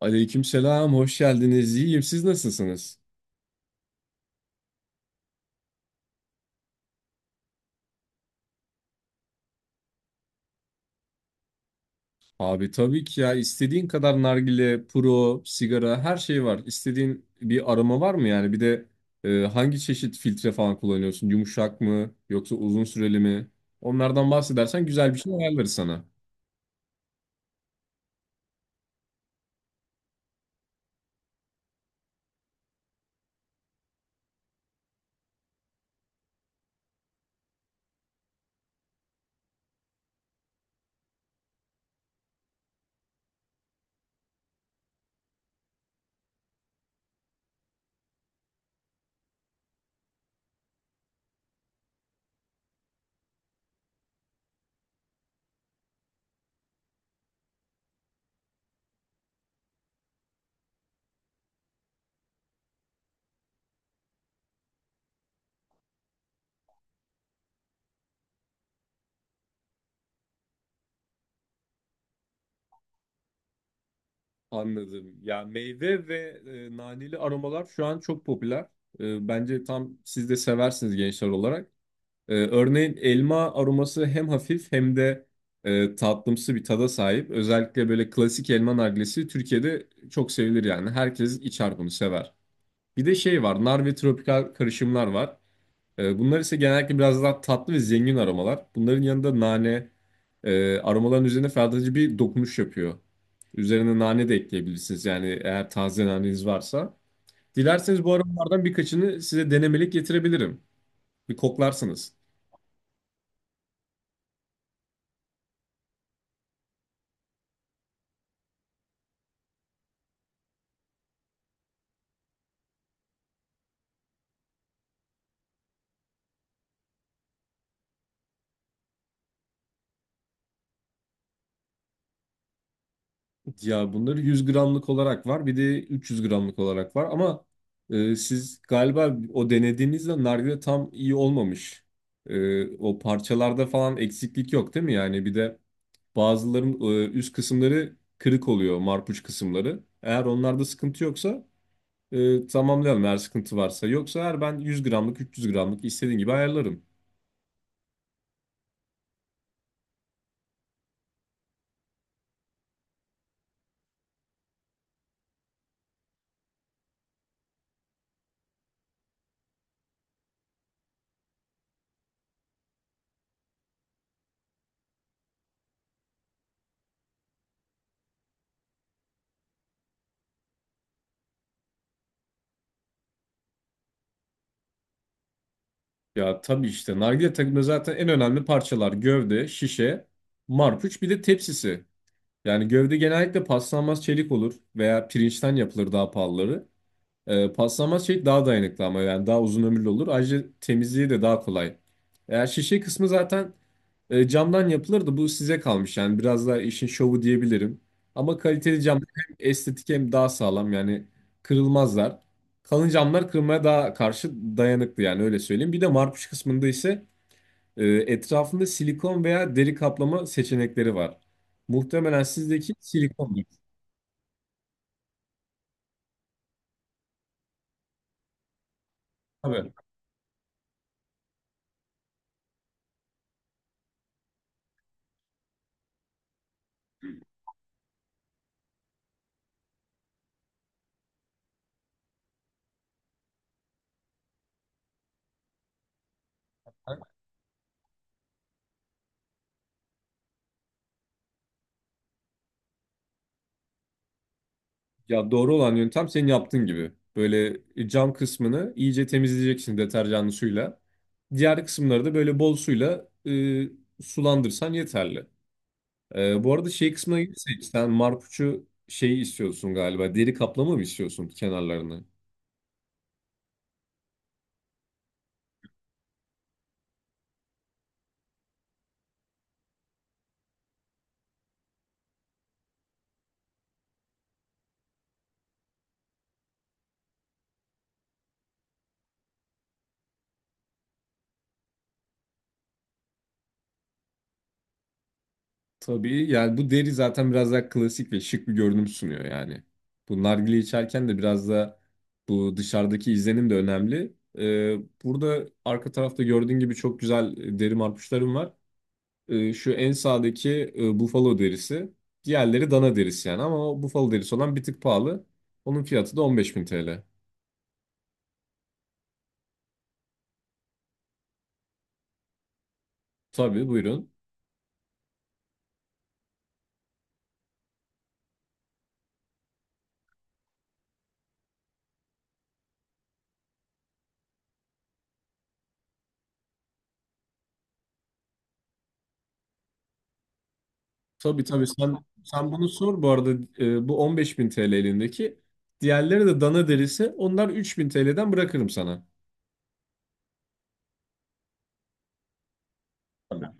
Aleykümselam, hoş geldiniz. İyiyim, siz nasılsınız? Abi tabii ki ya istediğin kadar nargile, puro, sigara her şey var. İstediğin bir aroma var mı yani? Bir de hangi çeşit filtre falan kullanıyorsun? Yumuşak mı yoksa uzun süreli mi? Onlardan bahsedersen güzel bir şey ayarlarız sana. Anladım. Ya meyve ve naneli aromalar şu an çok popüler. Bence tam siz de seversiniz gençler olarak. Örneğin elma aroması hem hafif hem de tatlımsı bir tada sahip. Özellikle böyle klasik elma nargilesi Türkiye'de çok sevilir yani. Herkes içer bunu sever. Bir de şey var, nar ve tropikal karışımlar var. Bunlar ise genellikle biraz daha tatlı ve zengin aromalar. Bunların yanında nane, aromaların üzerine ferahlatıcı bir dokunuş yapıyor. Üzerine nane de ekleyebilirsiniz yani eğer taze naneniz varsa. Dilerseniz bu aromalardan birkaçını size denemelik getirebilirim. Bir koklarsınız. Ya bunları 100 gramlık olarak var, bir de 300 gramlık olarak var ama siz galiba o denediğinizde nargile tam iyi olmamış. O parçalarda falan eksiklik yok değil mi? Yani bir de bazıların üst kısımları kırık oluyor, marpuç kısımları. Eğer onlarda sıkıntı yoksa tamamlayalım, eğer sıkıntı varsa. Yoksa eğer ben 100 gramlık, 300 gramlık istediğin gibi ayarlarım. Ya tabii işte nargile takımda zaten en önemli parçalar gövde, şişe, marpuç bir de tepsisi. Yani gövde genellikle paslanmaz çelik olur veya pirinçten yapılır daha pahalıları. Paslanmaz çelik daha dayanıklı ama yani daha uzun ömürlü olur. Ayrıca temizliği de daha kolay. Eğer şişe kısmı zaten camdan yapılır da bu size kalmış. Yani biraz daha işin şovu diyebilirim. Ama kaliteli cam hem estetik hem daha sağlam yani kırılmazlar. Kalın camlar kırılmaya daha karşı dayanıklı yani öyle söyleyeyim. Bir de marpuç kısmında ise etrafında silikon veya deri kaplama seçenekleri var. Muhtemelen sizdeki silikondur. Tabii. Ya doğru olan yöntem senin yaptığın gibi. Böyle cam kısmını iyice temizleyeceksin deterjanlı suyla. Diğer kısımları da böyle bol suyla sulandırsan yeterli. Bu arada şey kısmına gelirsek sen marpuçu şey istiyorsun galiba. Deri kaplama mı istiyorsun kenarlarını? Tabii, yani bu deri zaten biraz daha klasik ve şık bir görünüm sunuyor yani. Bu nargile içerken de biraz da bu dışarıdaki izlenim de önemli. Burada arka tarafta gördüğün gibi çok güzel deri marpuçlarım var. Şu en sağdaki bufalo derisi. Diğerleri dana derisi yani, ama o bufalo derisi olan bir tık pahalı. Onun fiyatı da 15.000 TL. Tabii, buyurun. Tabii tabii, sen bunu sor bu arada. Bu 15.000 TL elindeki. Diğerleri de dana derisi. Onlar 3.000 TL'den bırakırım sana. Tabii.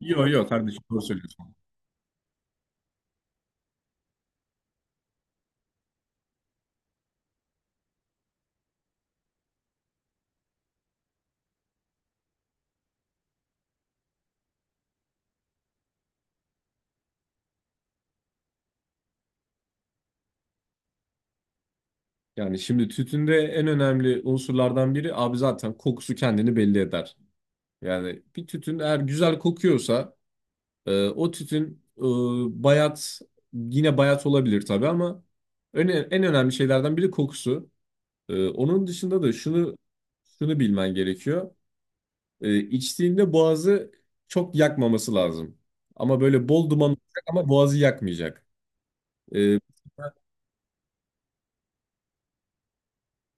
Yo yo kardeşim, doğru söylüyorsun. Yani şimdi tütünde en önemli unsurlardan biri abi zaten kokusu kendini belli eder. Yani bir tütün eğer güzel kokuyorsa o tütün bayat yine bayat olabilir tabii, ama en önemli şeylerden biri kokusu. Onun dışında da şunu bilmen gerekiyor. İçtiğinde boğazı çok yakmaması lazım. Ama böyle bol duman olacak ama boğazı yakmayacak. Ee,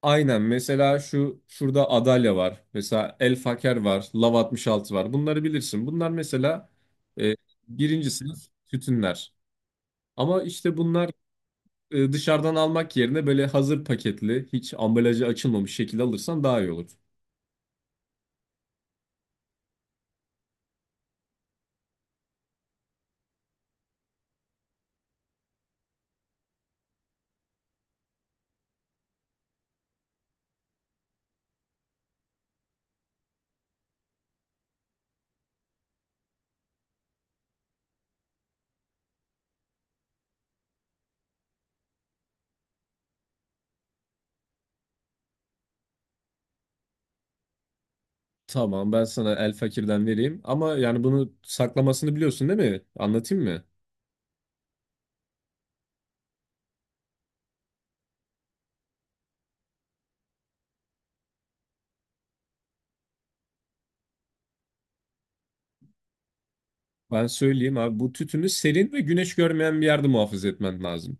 aynen, mesela şu şurada Adalya var. Mesela El Faker var. Lav 66 var. Bunları bilirsin. Bunlar mesela e, birinci sınıf tütünler. Ama işte bunlar dışarıdan almak yerine böyle hazır paketli, hiç ambalajı açılmamış şekilde alırsan daha iyi olur. Tamam, ben sana El Fakir'den vereyim ama yani bunu saklamasını biliyorsun değil mi? Anlatayım mı? Ben söyleyeyim abi, bu tütünü serin ve güneş görmeyen bir yerde muhafaza etmen lazım.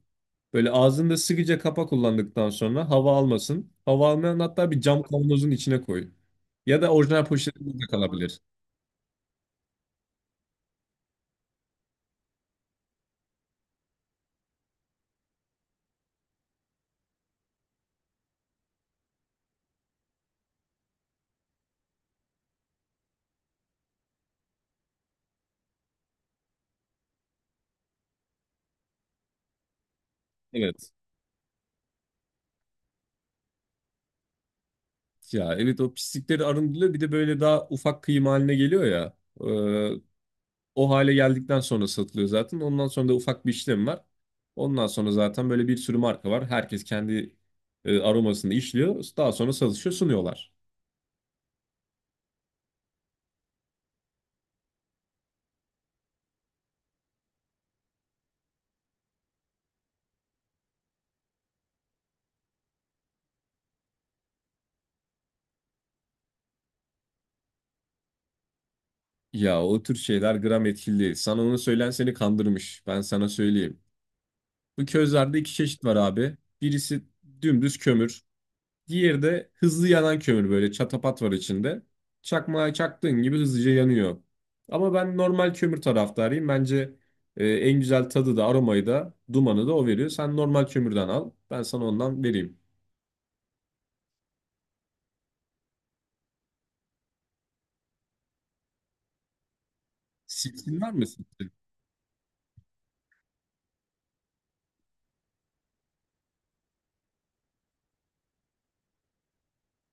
Böyle ağzında sıkıca kapa, kullandıktan sonra hava almasın. Hava almayan hatta bir cam kavanozun içine koy. Ya da orijinal poşetinde de kalabilir. Evet. Ya evet, o pislikleri arındırılıyor. Bir de böyle daha ufak kıyım haline geliyor ya. O hale geldikten sonra satılıyor zaten. Ondan sonra da ufak bir işlem var. Ondan sonra zaten böyle bir sürü marka var. Herkes kendi aromasını işliyor. Daha sonra satışa sunuyorlar. Ya o tür şeyler gram etkili değil. Sana onu söyleyen seni kandırmış. Ben sana söyleyeyim. Bu közlerde iki çeşit var abi. Birisi dümdüz kömür. Diğeri de hızlı yanan kömür, böyle çatapat var içinde. Çakmağa çaktığın gibi hızlıca yanıyor. Ama ben normal kömür taraftarıyım. Bence en güzel tadı da aromayı da dumanı da o veriyor. Sen normal kömürden al. Ben sana ondan vereyim. Sitrin var mı sitrin?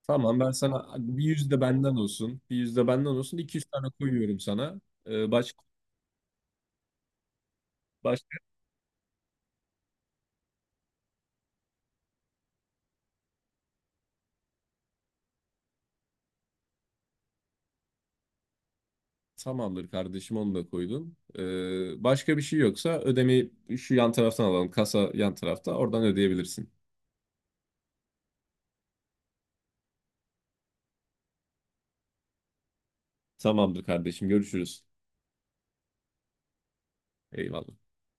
Tamam, ben sana bir yüzde benden olsun. Bir yüzde benden olsun. İki yüz tane koyuyorum sana. Baş, başka Tamamdır kardeşim, onu da koydum. Başka bir şey yoksa ödemeyi şu yan taraftan alalım. Kasa yan tarafta. Oradan ödeyebilirsin. Tamamdır kardeşim, görüşürüz. Eyvallah.